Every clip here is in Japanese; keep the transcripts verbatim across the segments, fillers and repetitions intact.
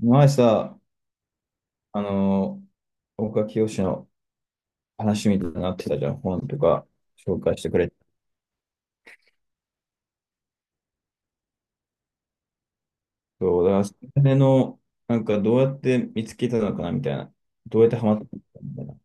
前さ、あのー岡清の話みたいになってたじゃん、本とか紹介してくれて。そう、だから、それの、なんかどうやって見つけたのかなみたいな。どうやってハマったのかみたいな。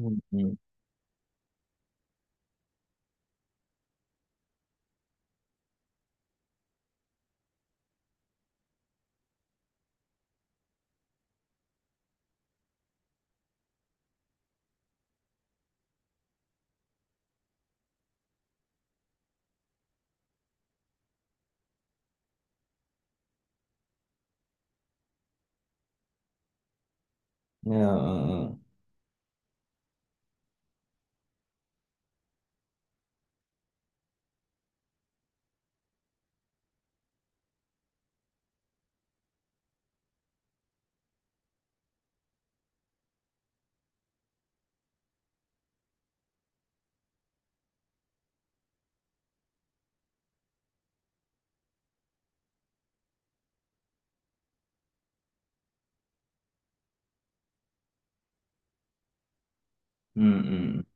うん、うん。いや、うんうん。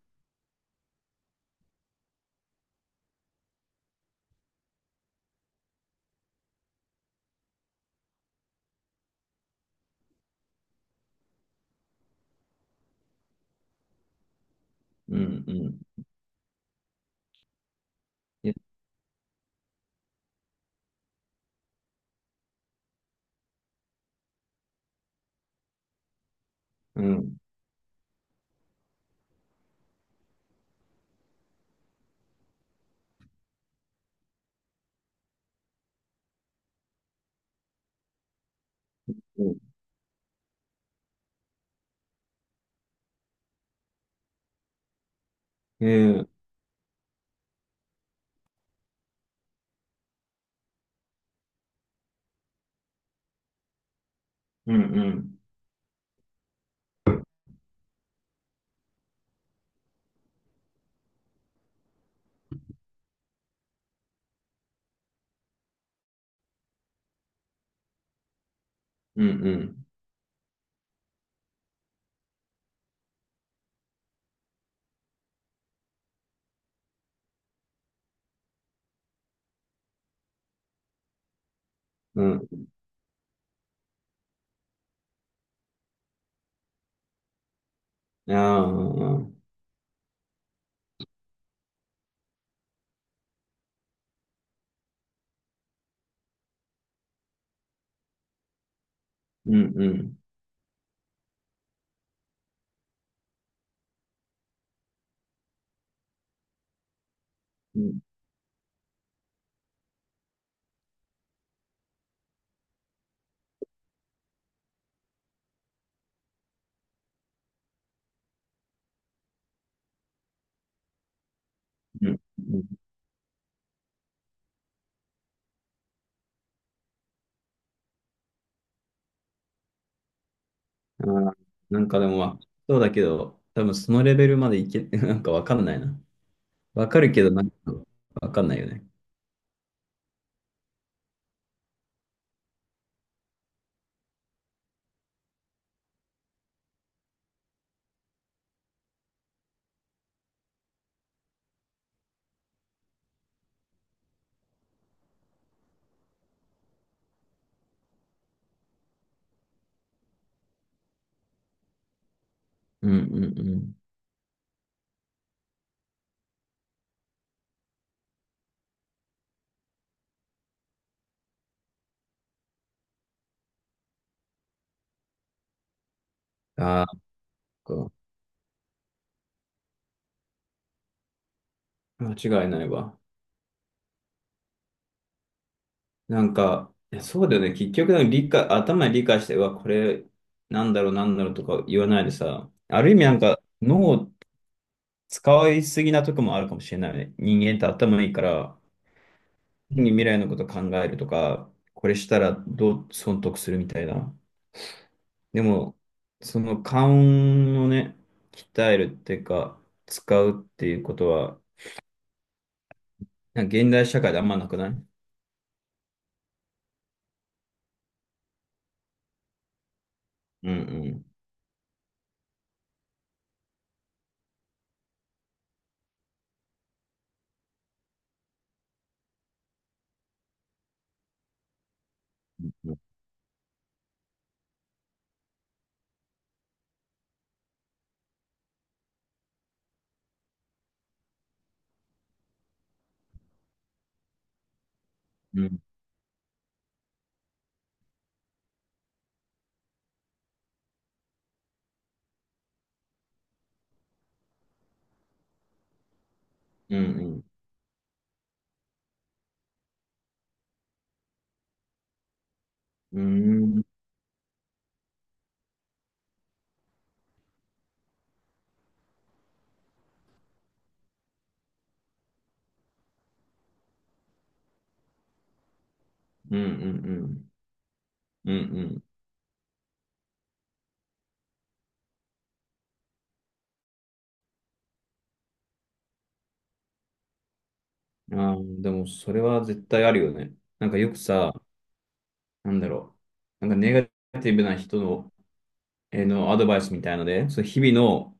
うんうん。うんうん。いや、うん。うん、えー、うんうん。うんうん。うん。いや、うんうん。うんうん。うんうん。あーなんかでも、まあそうだけど、多分そのレベルまでいけ、なんかわかんないな。わかるけど、なんか、わかんないよね。うんうんうん。ああ、間違いないわ。なんか、いやそうだよね。結局、なんか理解、頭で理解して、うわ、これ、なんだろう、なんだろうとか言わないでさ、ある意味なんか、脳を使いすぎなとこもあるかもしれないね。人間って頭いいから、未来のこと考えるとか、これしたらどう損得するみたいな。でも、その勘をね、鍛えるっていうか、使うっていうことは、なんか現代社会であんまなくない。うんうん。うんうんうん。うんうんうんうん。うんうん。ああ、でもそれは絶対あるよね。なんかよくさ、なんだろう。なんかネガティブな人の、えーのアドバイスみたいので、そう日々の、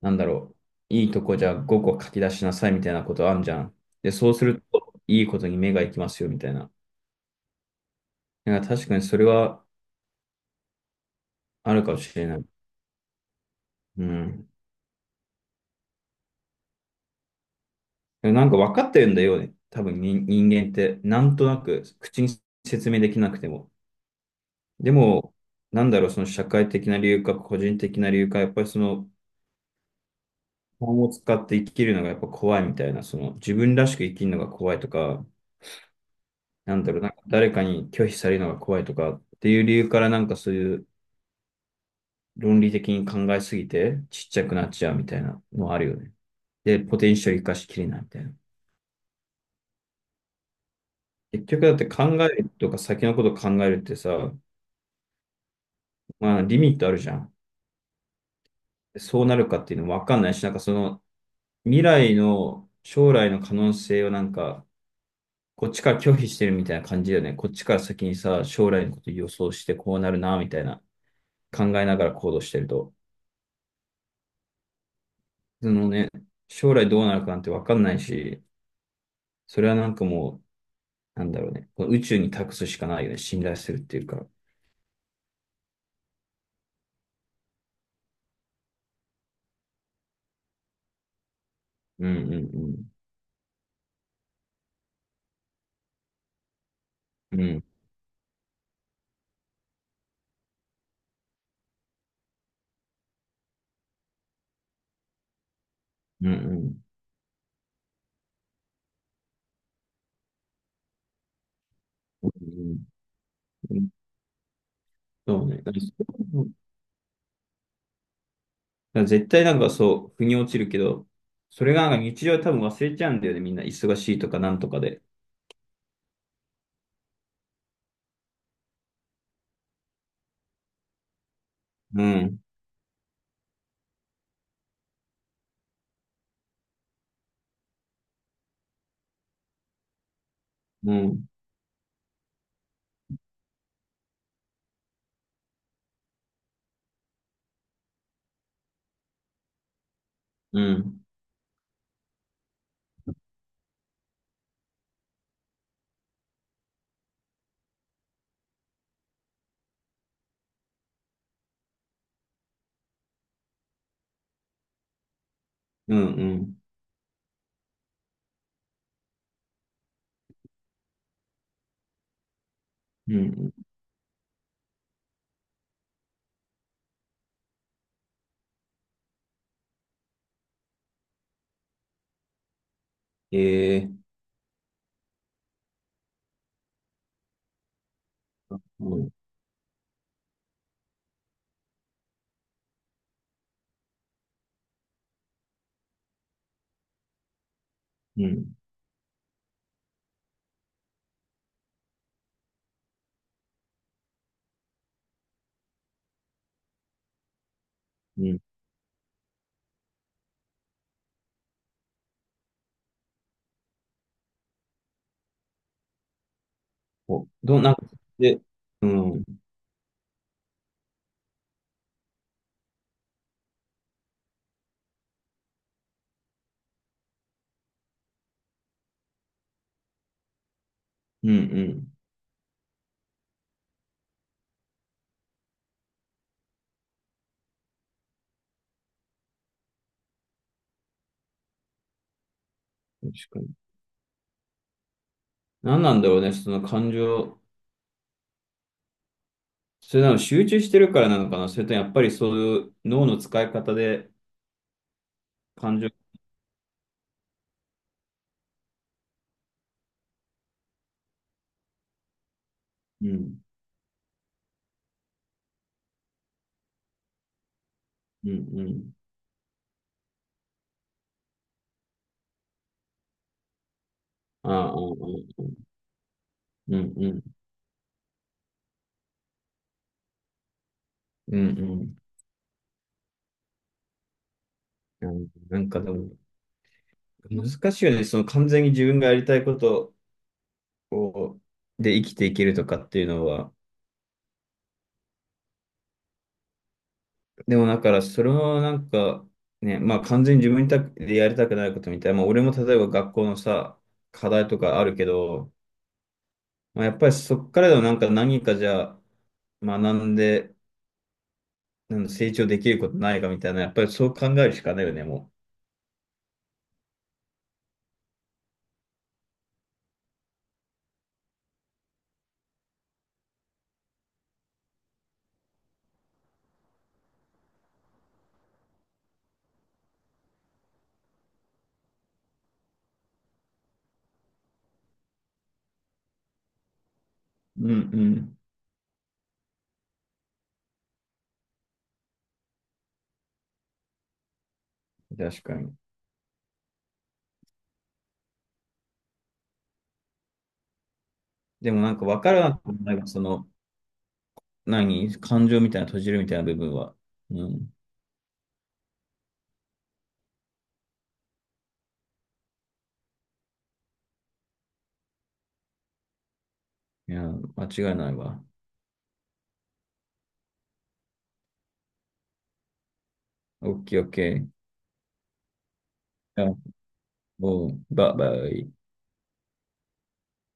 なんだろう、いいとこじゃあごこ書き出しなさいみたいなことあんじゃん。で、そうするといいことに目が行きますよみたいな。なんか確かにそれはあるかもしれない。うん。でもなんか分かってるんだよね。多分人人間って、なんとなく口に説明できなくても。でも、なんだろう、その社会的な理由か、個人的な理由か、やっぱりその、本を使って生きるのがやっぱ怖いみたいな、その、自分らしく生きるのが怖いとか、なんだろう、なんか誰かに拒否されるのが怖いとかっていう理由からなんかそういう論理的に考えすぎてちっちゃくなっちゃうみたいなのあるよね。で、ポテンシャル生かしきれないみたいな。結局だって考えるとか先のこと考えるってさ、まあリミットあるじゃん。そうなるかっていうのもわかんないし、なんかその未来の将来の可能性をなんか、こっちから拒否してるみたいな感じだよね。こっちから先にさ、将来のこと予想してこうなるな、みたいな考えながら行動してると。そのね、将来どうなるかなんてわかんないし、それはなんかもう、なんだろうね。この宇宙に託すしかないよね。信頼するっていうか。うんうんうん。うんうんうん。うん、そうね。だからそういうのだから絶対なんかそう、腑に落ちるけど、それがなんか日常は多分忘れちゃうんだよね、みんな。忙しいとかなんとかで。うん、うん、うん、うん、うん、うん。ええ、うん、うん、うん。お、どう、なんか、で、うん、うん、うん。確かに。何なんだろうね、その感情。それなの集中してるからなのかな、それともやっぱりそういう脳の使い方で感情。うん、うん、うん。ああ、ああ、ああ、うん、うん、うん、うん。なんかでも、難しいよね。その完全に自分がやりたいことをで生きていけるとかっていうのは。でもだから、それもなんか、ね、まあ完全に自分にたでやりたくないことみたいな。まあ俺も例えば学校のさ、課題とかあるけど、まあ、やっぱりそっからでもなんか何かじゃあ学んで、なんだ成長できることないかみたいな、やっぱりそう考えるしかないよね、もう。うんうん。確かに。でもなんか分からなくもない、その、何、感情みたいな閉じるみたいな部分は。うん、いや、間違いないわ。オッケーオッケー。いや、もう、バイバイ。